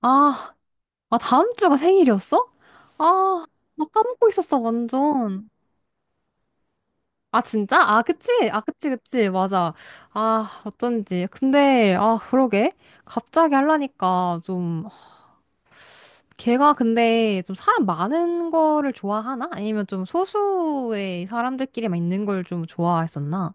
아, 아, 다음 주가 생일이었어? 아, 나 까먹고 있었어, 완전. 아, 진짜? 아, 그치? 아, 그치, 그치. 맞아. 아, 어쩐지. 근데, 아, 그러게. 갑자기 하려니까 좀, 걔가 근데 좀 사람 많은 거를 좋아하나? 아니면 좀 소수의 사람들끼리만 있는 걸 좀 좋아했었나?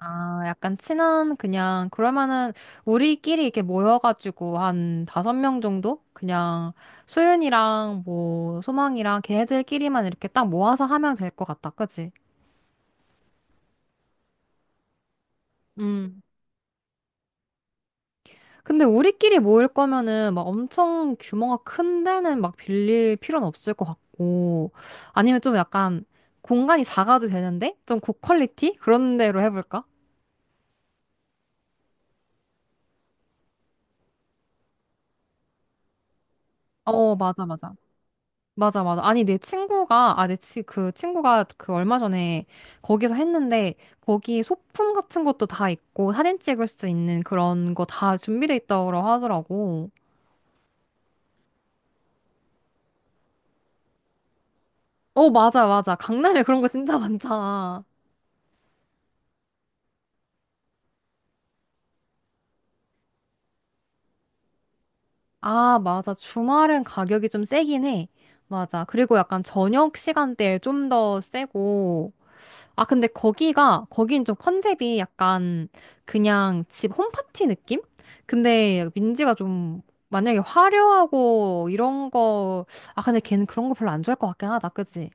아, 약간 친한, 그냥, 그러면은, 우리끼리 이렇게 모여가지고, 한 5명 정도? 그냥, 소윤이랑, 뭐, 소망이랑, 걔네들끼리만 이렇게 딱 모아서 하면 될 것 같다. 그치? 음. 근데 우리끼리 모일 거면은, 막 엄청 규모가 큰 데는 막 빌릴 필요는 없을 것 같고, 아니면 좀 약간, 공간이 작아도 되는데? 좀 고퀄리티? 그런 데로 해볼까? 어, 맞아, 맞아. 맞아, 맞아. 아니, 내 친구가, 아, 그 친구가 그 얼마 전에 거기서 했는데, 거기 소품 같은 것도 다 있고, 사진 찍을 수 있는 그런 거 다 준비돼 있다고 하더라고. 어, 맞아, 맞아. 강남에 그런 거 진짜 많잖아. 아, 맞아. 주말은 가격이 좀 세긴 해. 맞아. 그리고 약간 저녁 시간대에 좀 더 세고, 아, 근데 거긴 좀 컨셉이 약간 그냥 집 홈파티 느낌? 근데 민지가 좀 만약에 화려하고 이런 거, 아, 근데 걔는 그런 거 별로 안 좋아할 것 같긴 하다, 그지?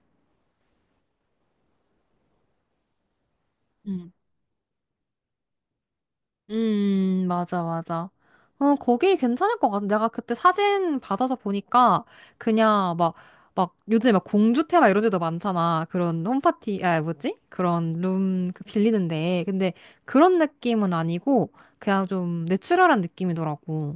맞아, 맞아. 어, 거기 괜찮을 것 같아. 내가 그때 사진 받아서 보니까 그냥 막, 막 요즘에 막 공주테 막 이런 데도 많잖아. 그런 홈파티, 아, 뭐지? 그런 룸 그 빌리는데. 근데 그런 느낌은 아니고 그냥 좀 내추럴한 느낌이더라고.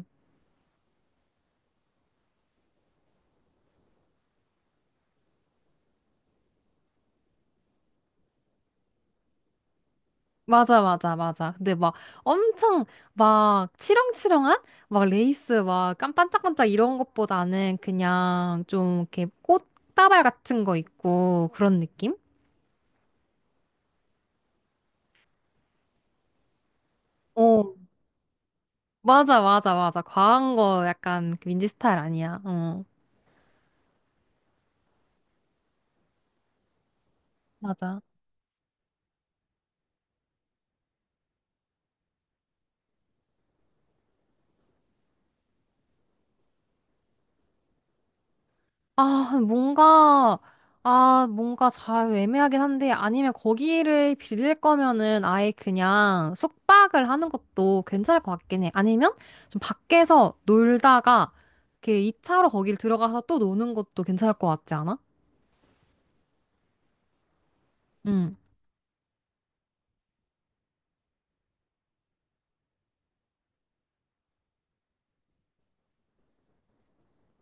맞아, 맞아, 맞아. 근데 막 엄청 막 치렁치렁한? 막 레이스 반짝반짝 이런 것보다는 그냥 좀 이렇게 꽃다발 같은 거 있고 그런 느낌? 어, 맞아, 맞아, 맞아. 과한 거 약간 그 민지 스타일 아니야. 어, 맞아. 아, 뭔가, 아, 뭔가 잘 애매하긴 한데, 아니면 거기를 빌릴 거면은 아예 그냥 숙박을 하는 것도 괜찮을 것 같긴 해. 아니면 좀 밖에서 놀다가, 이렇게 2차로 거길 들어가서 또 노는 것도 괜찮을 것 같지 않아? 응.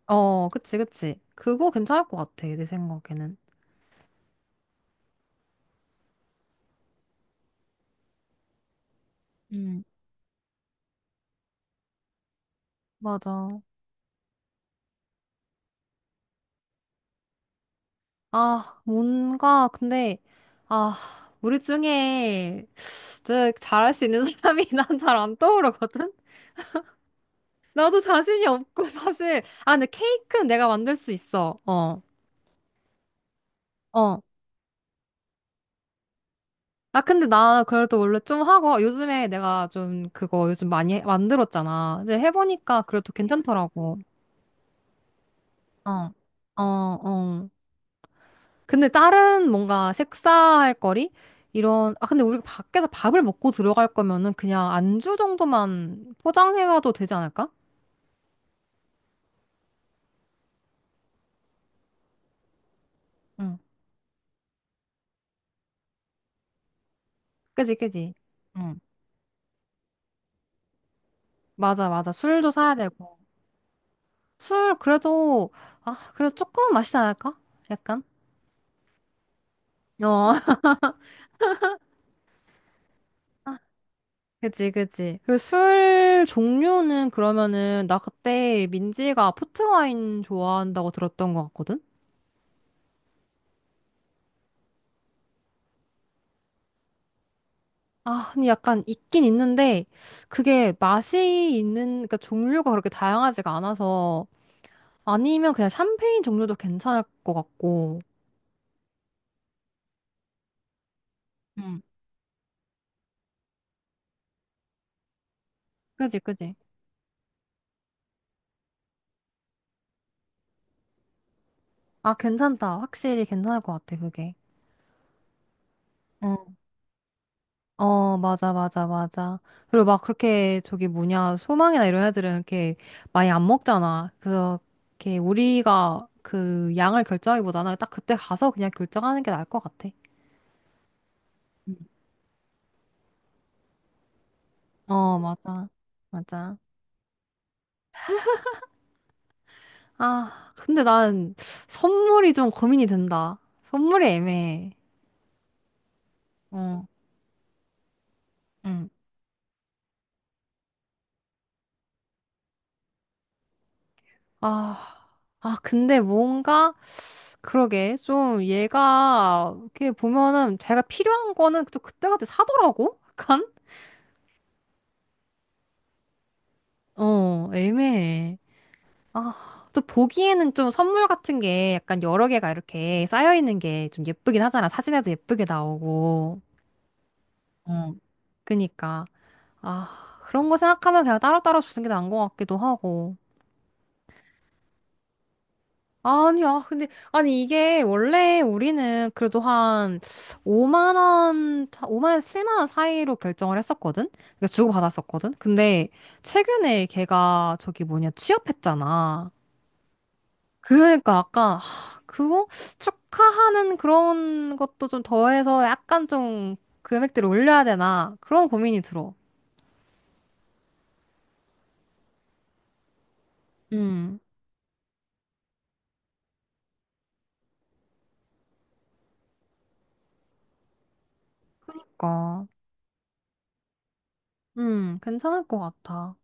어, 그치, 그치. 그거 괜찮을 것 같아, 내 생각에는. 응. 맞아. 아, 뭔가, 근데, 아, 우리 중에 진짜 잘할 수 있는 사람이 난 잘 안 떠오르거든? 나도 자신이 없고, 사실. 아, 근데 케이크는 내가 만들 수 있어. 어, 어. 아, 근데 나 그래도 원래 좀 하고, 요즘에 내가 좀 그거 요즘 만들었잖아. 이제 해보니까 그래도 괜찮더라고. 어, 어, 어. 근데 다른 뭔가 식사할 거리? 이런, 아, 근데 우리 밖에서 밥을 먹고 들어갈 거면은 그냥 안주 정도만 포장해가도 되지 않을까? 응, 그지, 그지. 응. 맞아, 맞아. 술도 사야 되고. 술, 그래도, 아, 그래도 조금 마시지 않을까? 약간? 어. 그지, 그지. 그 술 종류는 그러면은 나 그때 민지가 포트 와인 좋아한다고 들었던 것 같거든? 아, 근데 약간 있긴 있는데, 그게 맛이 있는, 그러니까 종류가 그렇게 다양하지가 않아서, 아니면 그냥 샴페인 종류도 괜찮을 것 같고. 응, 그지, 그지? 아, 괜찮다. 확실히 괜찮을 것 같아, 그게. 어, 어, 맞아, 맞아, 맞아. 그리고 막 그렇게 저기 뭐냐, 소망이나 이런 애들은 이렇게 많이 안 먹잖아. 그래서 이렇게 우리가 그 양을 결정하기보다는 딱 그때 가서 그냥 결정하는 게 나을 것 같아. 응. 어, 맞아. 맞아. 아, 근데 난 선물이 좀 고민이 된다. 선물이 애매해. 어, 응, 아, 아, 근데 뭔가, 그러게, 좀 얘가, 이렇게 보면은 자기가 필요한 거는 또 그때그때 사더라고? 약간? 어, 애매해. 아, 또 보기에는 좀 선물 같은 게 약간 여러 개가 이렇게 쌓여있는 게 좀 예쁘긴 하잖아. 사진에도 예쁘게 나오고. 어. 그니까. 아, 그런 거 생각하면 그냥 따로따로 주는 게 나은 것 같기도 하고. 아니, 아, 근데, 아니, 이게 원래 우리는 그래도 한 5만 원, 오만 원, 7만 원 사이로 결정을 했었거든? 그러니까 주고받았었거든? 근데 최근에 걔가 저기 뭐냐, 취업했잖아. 그러니까 아까, 하, 그거 축하하는 그런 것도 좀 더해서 약간 좀 금액대를 올려야 되나? 그런 고민이 들어. 음, 그니까. 괜찮을 것 같아.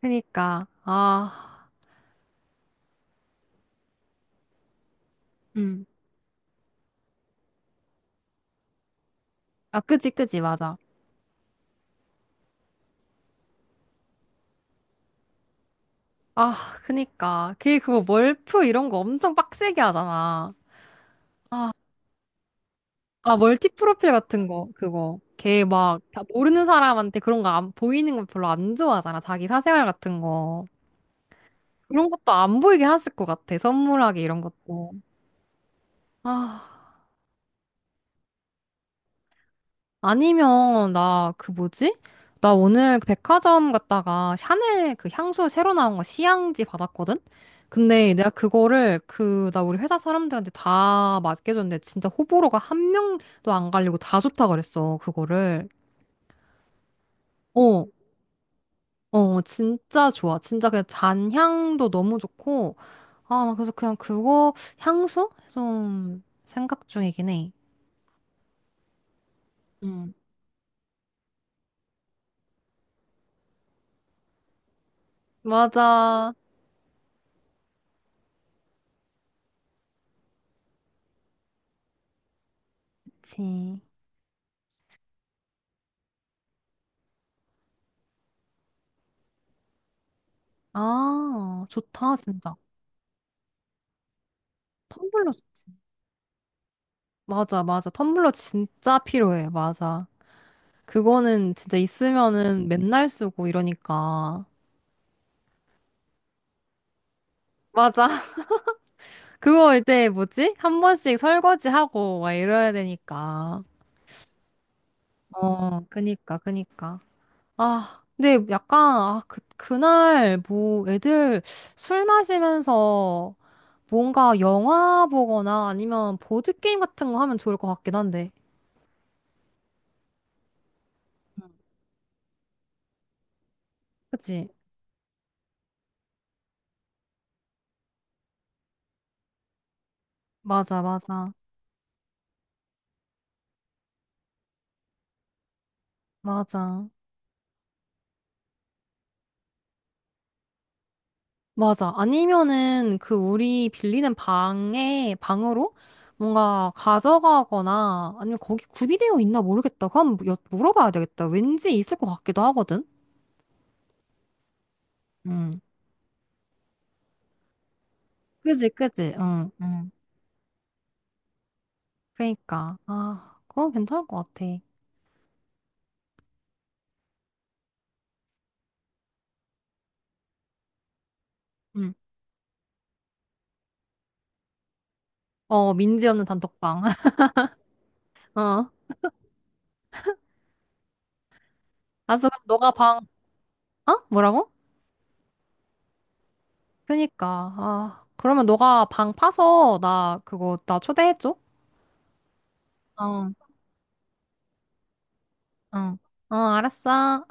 그니까, 아, 음. 아, 그지, 그지, 맞아. 아, 그니까. 그게 그거 멀프 이런 거 엄청 빡세게 하잖아. 아, 아, 멀티 프로필 같은 거, 그거. 걔 막, 다 모르는 사람한테 그런 거 안, 보이는 거 별로 안 좋아하잖아. 자기 사생활 같은 거. 그런 것도 안 보이게 했을 것 같아. 선물하기 이런 것도. 아. 아니면 나 그 뭐지? 나 오늘 그 백화점 갔다가 샤넬 그 향수 새로 나온 거 시향지 받았거든? 근데 내가 그거를 그 나 우리 회사 사람들한테 다 맡겨줬는데 진짜 호불호가 1명도 안 갈리고 다 좋다 그랬어 그거를. 어. 어, 진짜 좋아. 진짜 그냥 잔향도 너무 좋고. 아, 나 그래서 그냥 그거 향수? 좀 생각 중이긴 해. 음. 맞아. 그치. 아, 좋다, 진짜. 텀블러 좋지. 맞아, 맞아. 텀블러 진짜 필요해. 맞아. 그거는 진짜 있으면은 맨날 쓰고 이러니까. 맞아. 그거 이제 뭐지? 1번씩 설거지하고 막 이래야 되니까. 어, 그니까, 그니까. 아, 근데 약간, 아, 그, 그날 뭐 애들 술 마시면서 뭔가 영화 보거나 아니면 보드게임 같은 거 하면 좋을 것 같긴 한데. 그치? 맞아, 맞아. 맞아. 맞아. 아니면은 그 우리 방으로 뭔가 가져가거나 아니면 거기 구비되어 있나 모르겠다. 그럼 물어봐야 되겠다. 왠지 있을 것 같기도 하거든. 응. 그지, 그지. 응, 응. 그러니까. 아, 그건 괜찮을 것 같아. 응. 어, 민지 없는 단톡방. 어. 알았어. 그럼 너가 방, 어? 뭐라고? 그니까. 아, 그러면 너가 방 파서 나 그거, 나 초대해줘. 어, 어. 어, 알았어.